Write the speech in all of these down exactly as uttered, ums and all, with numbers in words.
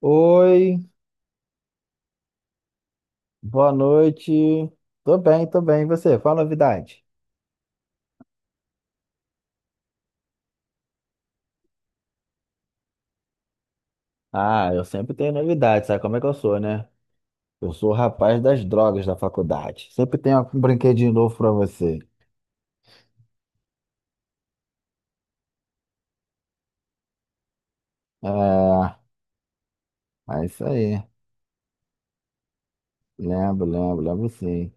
Oi, boa noite. Tô bem, tô bem. E você? Fala novidade. Ah, eu sempre tenho novidade, sabe como é que eu sou, né? Eu sou o rapaz das drogas da faculdade. Sempre tenho um brinquedinho novo pra você. É, é isso aí. Lembro, lembro, lembro sim.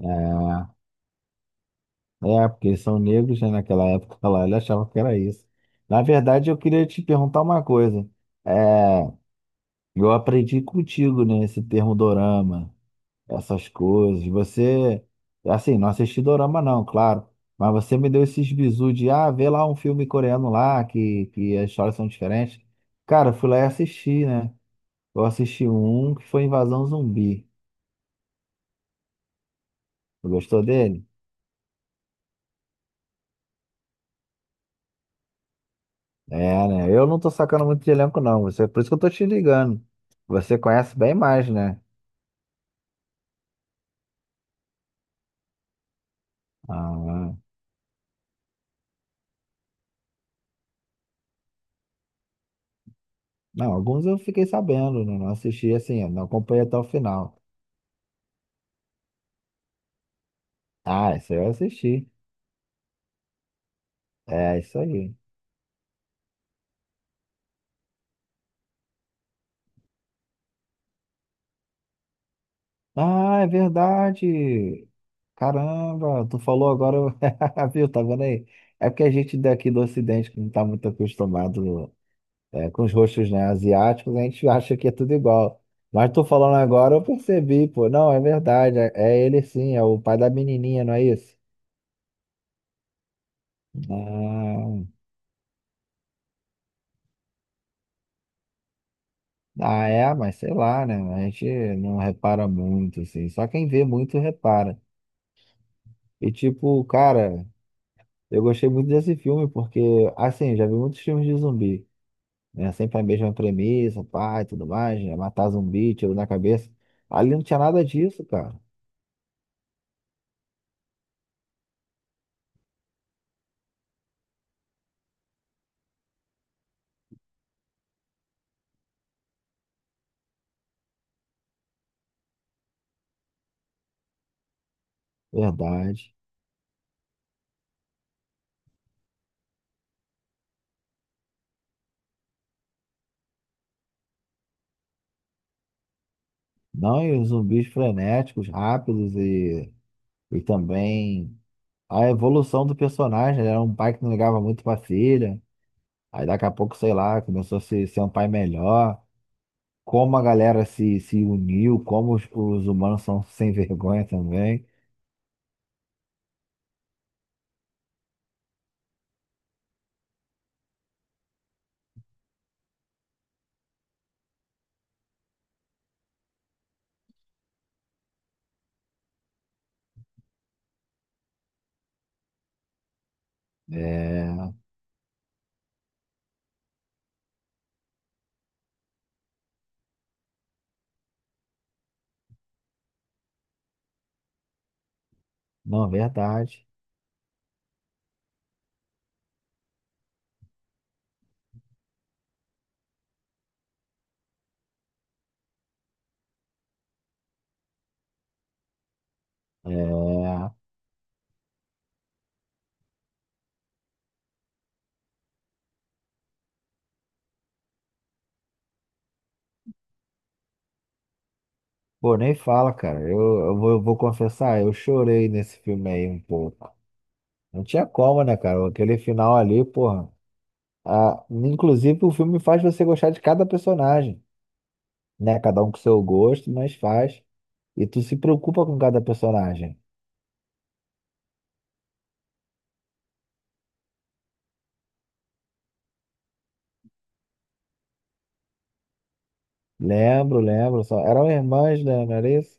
É, é, porque eles são negros, né? Naquela época lá, ele achava que era isso. Na verdade, eu queria te perguntar uma coisa. É, eu aprendi contigo, né? Esse termo dorama. Essas coisas. Você, assim, não assisti dorama não, claro, mas você me deu esses bizu de, ah, vê lá um filme coreano lá, que, que as histórias são diferentes. Cara, eu fui lá e assisti, né? Eu assisti um que foi Invasão Zumbi. Você gostou dele? É, né? Eu não tô sacando muito de elenco, não. Você, por isso que eu tô te ligando. Você conhece bem mais, né? Ah, não, alguns eu fiquei sabendo, né? Não assisti assim, não acompanhei até o final. Ah, isso aí eu assisti. É, isso aí. Ah, é verdade. Caramba, tu falou agora, eu- viu? Tá vendo aí? É porque a gente daqui do Ocidente, que não tá muito acostumado é, com os rostos, né, asiáticos, a gente acha que é tudo igual. Mas tu falando agora, eu percebi, pô. Não, é verdade. É, é ele sim, é o pai da menininha, não é isso? Não. Ah, é, mas sei lá, né? A gente não repara muito, assim. Só quem vê muito repara. E tipo, cara. Eu gostei muito desse filme porque, assim, eu já vi muitos filmes de zumbi, né? Sempre a mesma premissa, pai, tudo mais, né? Matar zumbi, tiro na cabeça. Ali não tinha nada disso, cara. Verdade. Não, e os zumbis frenéticos, rápidos e, e também a evolução do personagem. Ele era um pai que não ligava muito pra filha. Aí daqui a pouco, sei lá, começou a se- ser um pai melhor. Como a galera se, se uniu, como os, os humanos são sem vergonha também. É. Não, verdade. É... Pô, nem fala, cara. Eu, eu vou, eu vou confessar, eu chorei nesse filme aí um pouco. Não tinha como, né, cara? Aquele final ali, porra. Ah, inclusive, o filme faz você gostar de cada personagem, né? Cada um com seu gosto, mas faz. E tu se preocupa com cada personagem. Lembro, lembro. Só... Eram irmãs, né? Não era isso?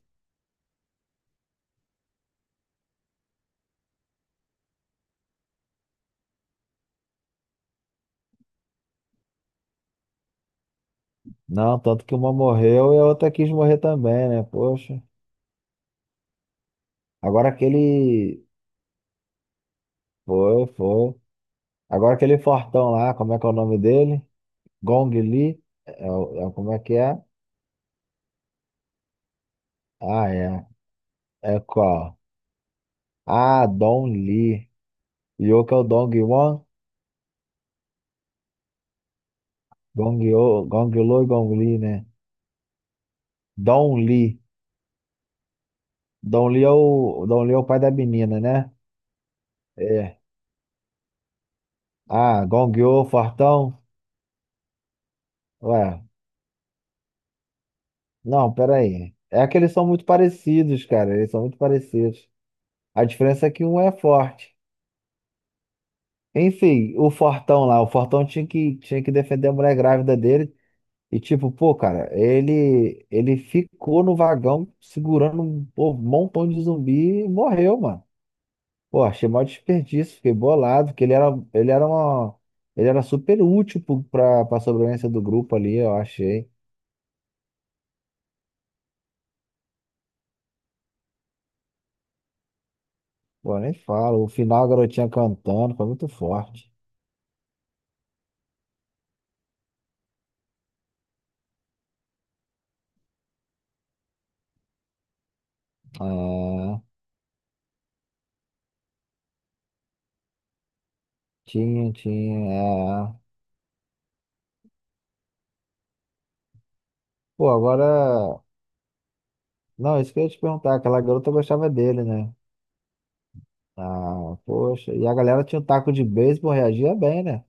Não, tanto que uma morreu e a outra quis morrer também, né? Poxa. Agora aquele. Foi, foi. Agora aquele fortão lá, como é que é o nome dele? Gong Li? É, o- é, como é que é? Ah, é. É qual? Ah, Don Li. Que é o Dong Wan, Gong Yo, Gong Lo e Gong Li, né? Don Li. Don Li é o, Don Li é o pai da menina, né? É. Ah, Gong Yo, fortão. Ué, não, peraí. É que eles são muito parecidos, cara. Eles são muito parecidos. A diferença é que um é forte. Enfim, o Fortão lá, o Fortão tinha que, tinha que defender a mulher grávida dele. E tipo, pô, cara, ele ele ficou no vagão segurando um pô, um montão de zumbi e morreu, mano. Pô, achei maior desperdício, fiquei bolado, que ele era ele era uma ele era super útil pro- pra para sobrevivência do grupo ali, eu achei. Pô, nem falo, o final a garotinha cantando, foi muito forte. Ah, tinha, tinha. Ah. Pô, agora, não, isso que eu ia te perguntar, aquela garota gostava dele, né? Ah, poxa, e a galera tinha um taco de beisebol, reagia bem, né?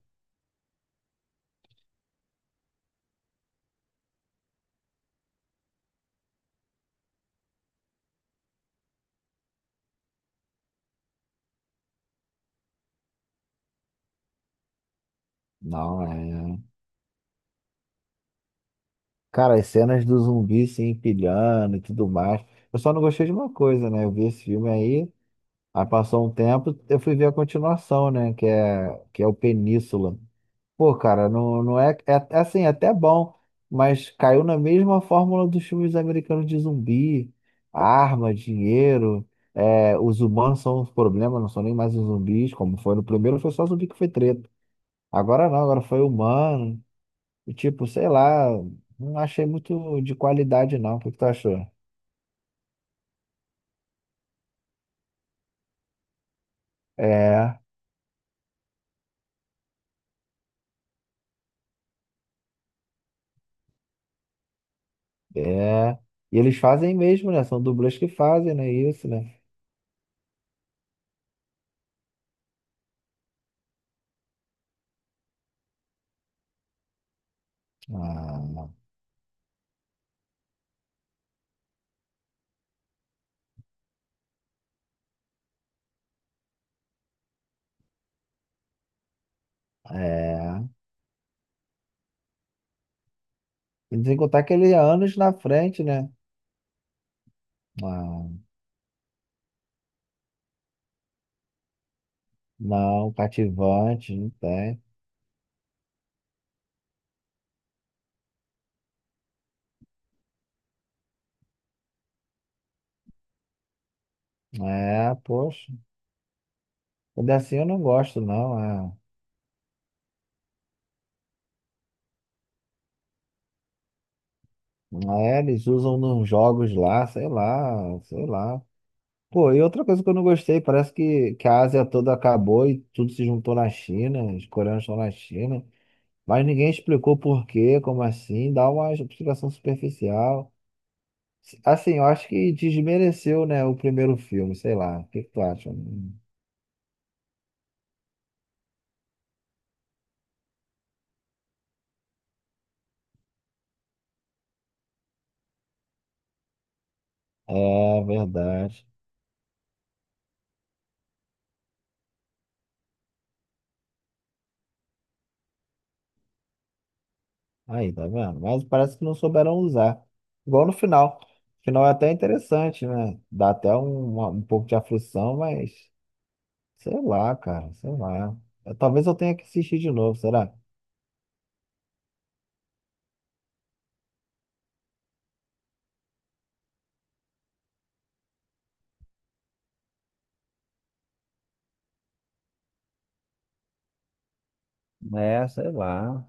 Não, é. Cara, as cenas do zumbi se empilhando e tudo mais. Eu só não gostei de uma coisa, né? Eu vi esse filme aí, aí passou um tempo, eu fui ver a continuação, né? Que é, que é o Península. Pô, cara, não, não é, é. É assim, é até bom, mas caiu na mesma fórmula dos filmes americanos de zumbi: arma, dinheiro. É, os humanos são os problemas, não são nem mais os zumbis, como foi no primeiro, foi só zumbi que foi treta. Agora não, agora foi humano. E tipo, sei lá, não achei muito de qualidade não. O que que tu achou? É, é. E eles fazem mesmo, né? São dublês que fazem, né? Isso, né? Ah, é. E sem contar que ele é anos na frente, né? Ah, não, cativante, não tem. É, poxa. Quando é assim eu não gosto, não. É, é, eles usam nos jogos lá, sei lá, sei lá. Pô, e outra coisa que eu não gostei, parece que, que a Ásia toda acabou e tudo se juntou na China, os coreanos estão na China, mas ninguém explicou por quê, como assim, dá uma explicação superficial. Assim, eu acho que desmereceu, né, o primeiro filme, sei lá, o que que tu acha? Hum. É verdade. Aí, tá vendo? Mas parece que não souberam usar. Igual no final. O final é até interessante, né? Dá até um, uma- um pouco de aflição, mas. Sei lá, cara, sei lá. Eu- Talvez eu tenha que assistir de novo, será? É, sei lá.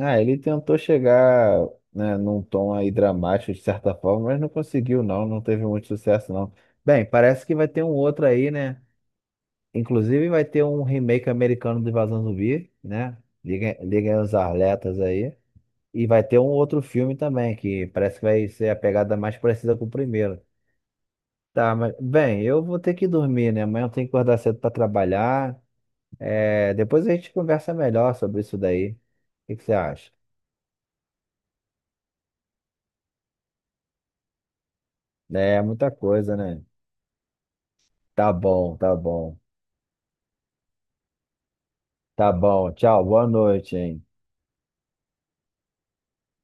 Ah, ele tentou chegar, né, num tom aí dramático de certa forma, mas não conseguiu, não. Não teve muito sucesso, não. Bem, parece que vai ter um outro aí, né? Inclusive vai ter um remake americano do Invasão Zumbi, né? Liguem, liguem os alertas aí. E vai ter um outro filme também, que parece que vai ser a pegada mais parecida com o primeiro. Tá, mas, bem, eu vou ter que dormir, né? Amanhã eu tenho que acordar cedo pra trabalhar. É, depois a gente conversa melhor sobre isso daí. O que que você acha? É muita coisa, né? Tá bom, tá bom. Tá bom. Tchau, boa noite, hein?